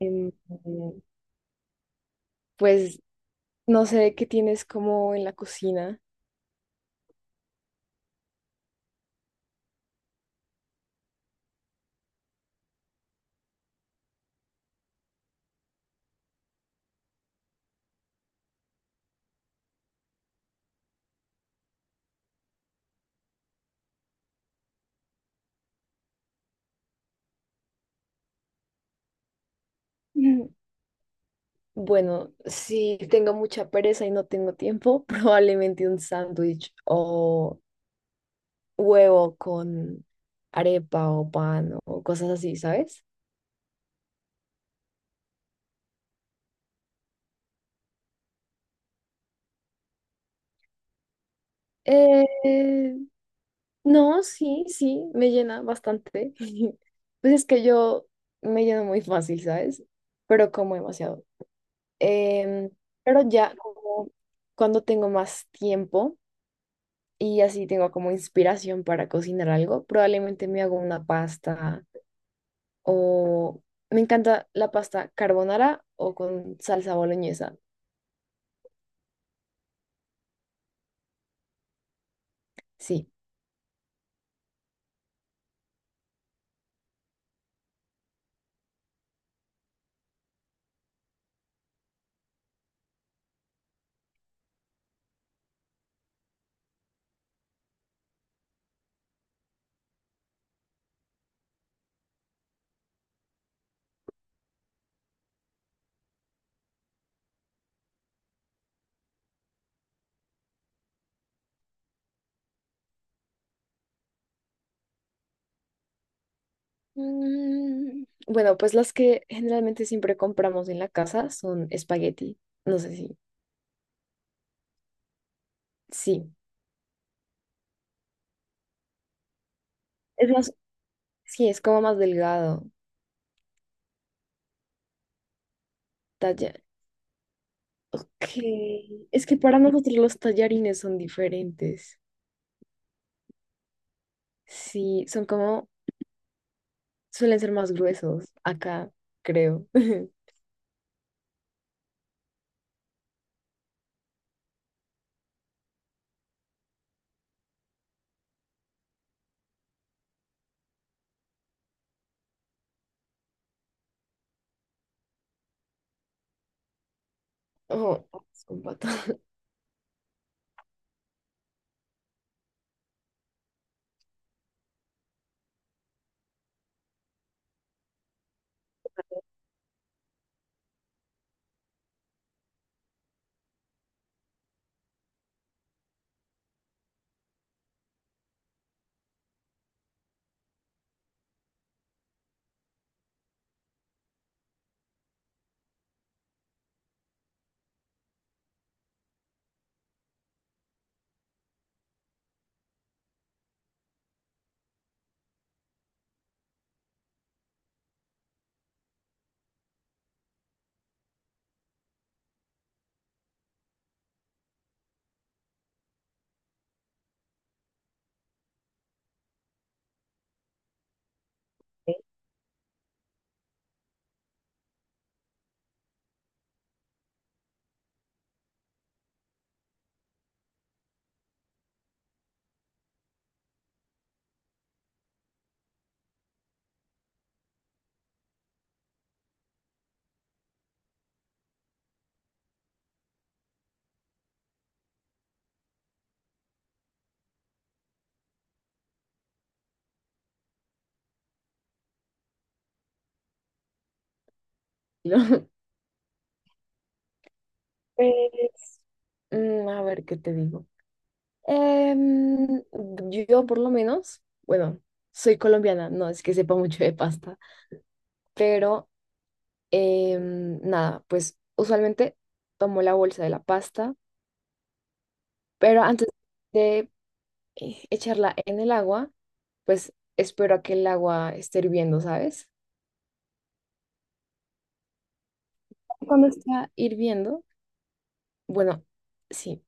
Em, pues no sé qué tienes como en la cocina. Mm. Bueno, si tengo mucha pereza y no tengo tiempo, probablemente un sándwich o huevo con arepa o pan o cosas así, ¿sabes? Eh, no, sí, sí, me llena bastante. Pues es que yo me lleno muy fácil, ¿sabes? Pero como demasiado. Em, pero ya como cuando tengo más tiempo, y así tengo como inspiración para cocinar algo. Probablemente me hago una pasta o me encanta la pasta carbonara o con salsa boloñesa. Sí. Mm, bueno, pues las que generalmente siempre compramos en la casa son espagueti. No sé si. Sí. Es más, sí, es como más delgado. Talla. Que es que para nosotros los tallarines son diferentes. Sí, son como, suelen ser más gruesos acá, creo. Oh, es un pato. No. Pues, mm, a ver, ¿qué te digo? Em, yo por lo menos, bueno, soy colombiana, no es que sepa mucho de pasta, pero nada, pues usualmente tomo la bolsa de la pasta, pero antes de echarla en el agua, pues espero a que el agua esté hirviendo, ¿sabes? Cuando está hirviendo, bueno, sí.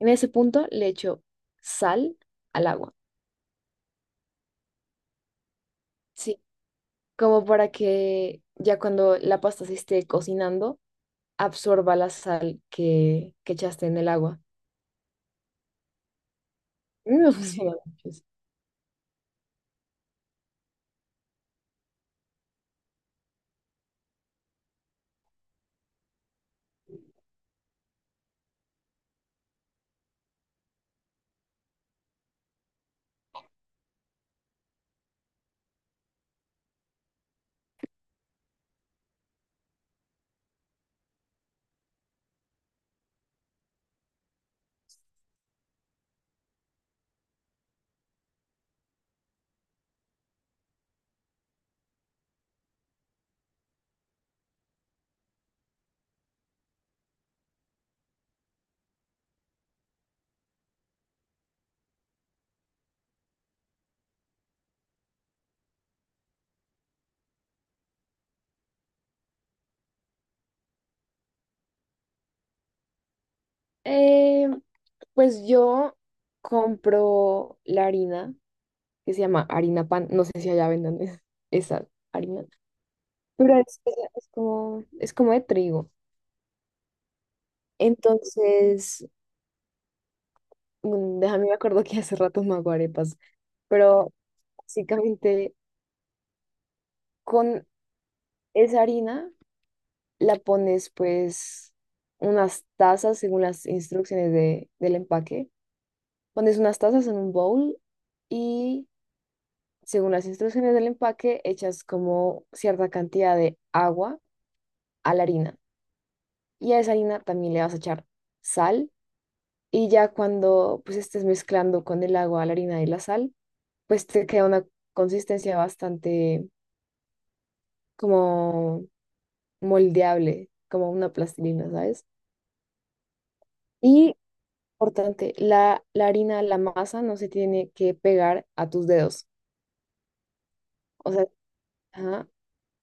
En ese punto le echo sal al agua. Sí. Como para que ya cuando la pasta se esté cocinando, absorba la sal que echaste en el agua. A mí me funciona mucho eso. Eh, pues yo compro la harina, que se llama harina pan. No sé si allá vendan es- esa harina. Pero es como de trigo. Entonces mm, déjame, me acuerdo que hace rato me hago arepas, pero básicamente con esa harina la pones pues unas tazas según las instrucciones del empaque. Pones unas tazas en un bowl y según las instrucciones del empaque echas como cierta cantidad de agua a la harina. Y a esa harina también le vas a echar sal, y ya cuando pues estés mezclando con el agua, la harina y la sal, pues te queda una consistencia bastante como moldeable, como una plastilina, ¿sabes? Y importante, la harina, la masa no se tiene que pegar a tus dedos. O sea, ajá,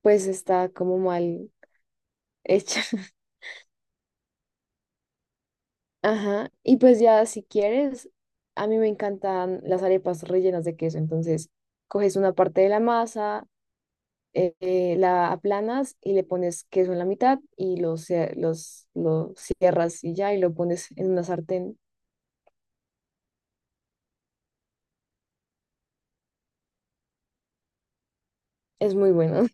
pues está como mal hecha. Ajá. Y pues ya si quieres, a mí me encantan las arepas rellenas de queso. Entonces, coges una parte de la masa, la aplanas y le pones queso en la mitad y lo, cie- lo cierras y ya y lo pones en una sartén. Es muy bueno.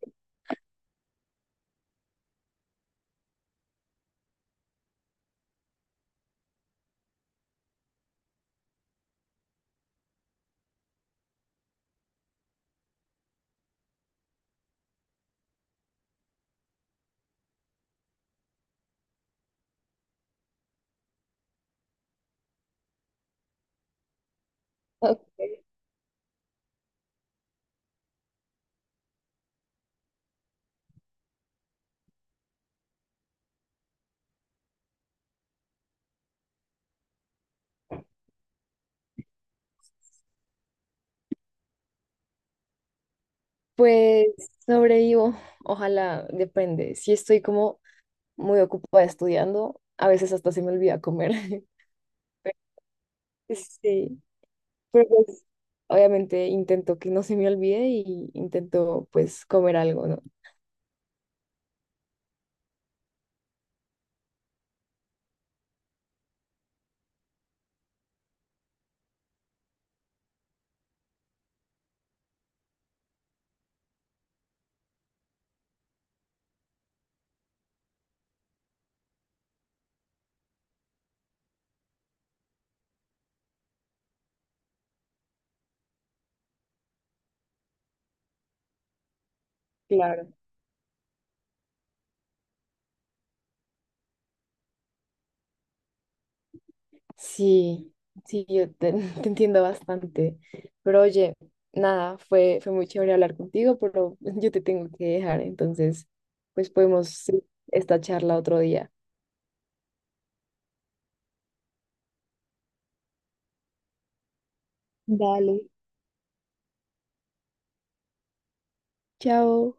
Pues sobrevivo, ojalá, depende. Si estoy como muy ocupada estudiando, a veces hasta se me olvida comer. Pero pues sí, pero pues obviamente intento que no se me olvide y intento pues comer algo, ¿no? Claro. Sí, sí, yo te te entiendo bastante. Pero oye, nada, fue muy chévere hablar contigo, pero yo te tengo que dejar, entonces pues podemos seguir esta charla otro día. Dale. Chao.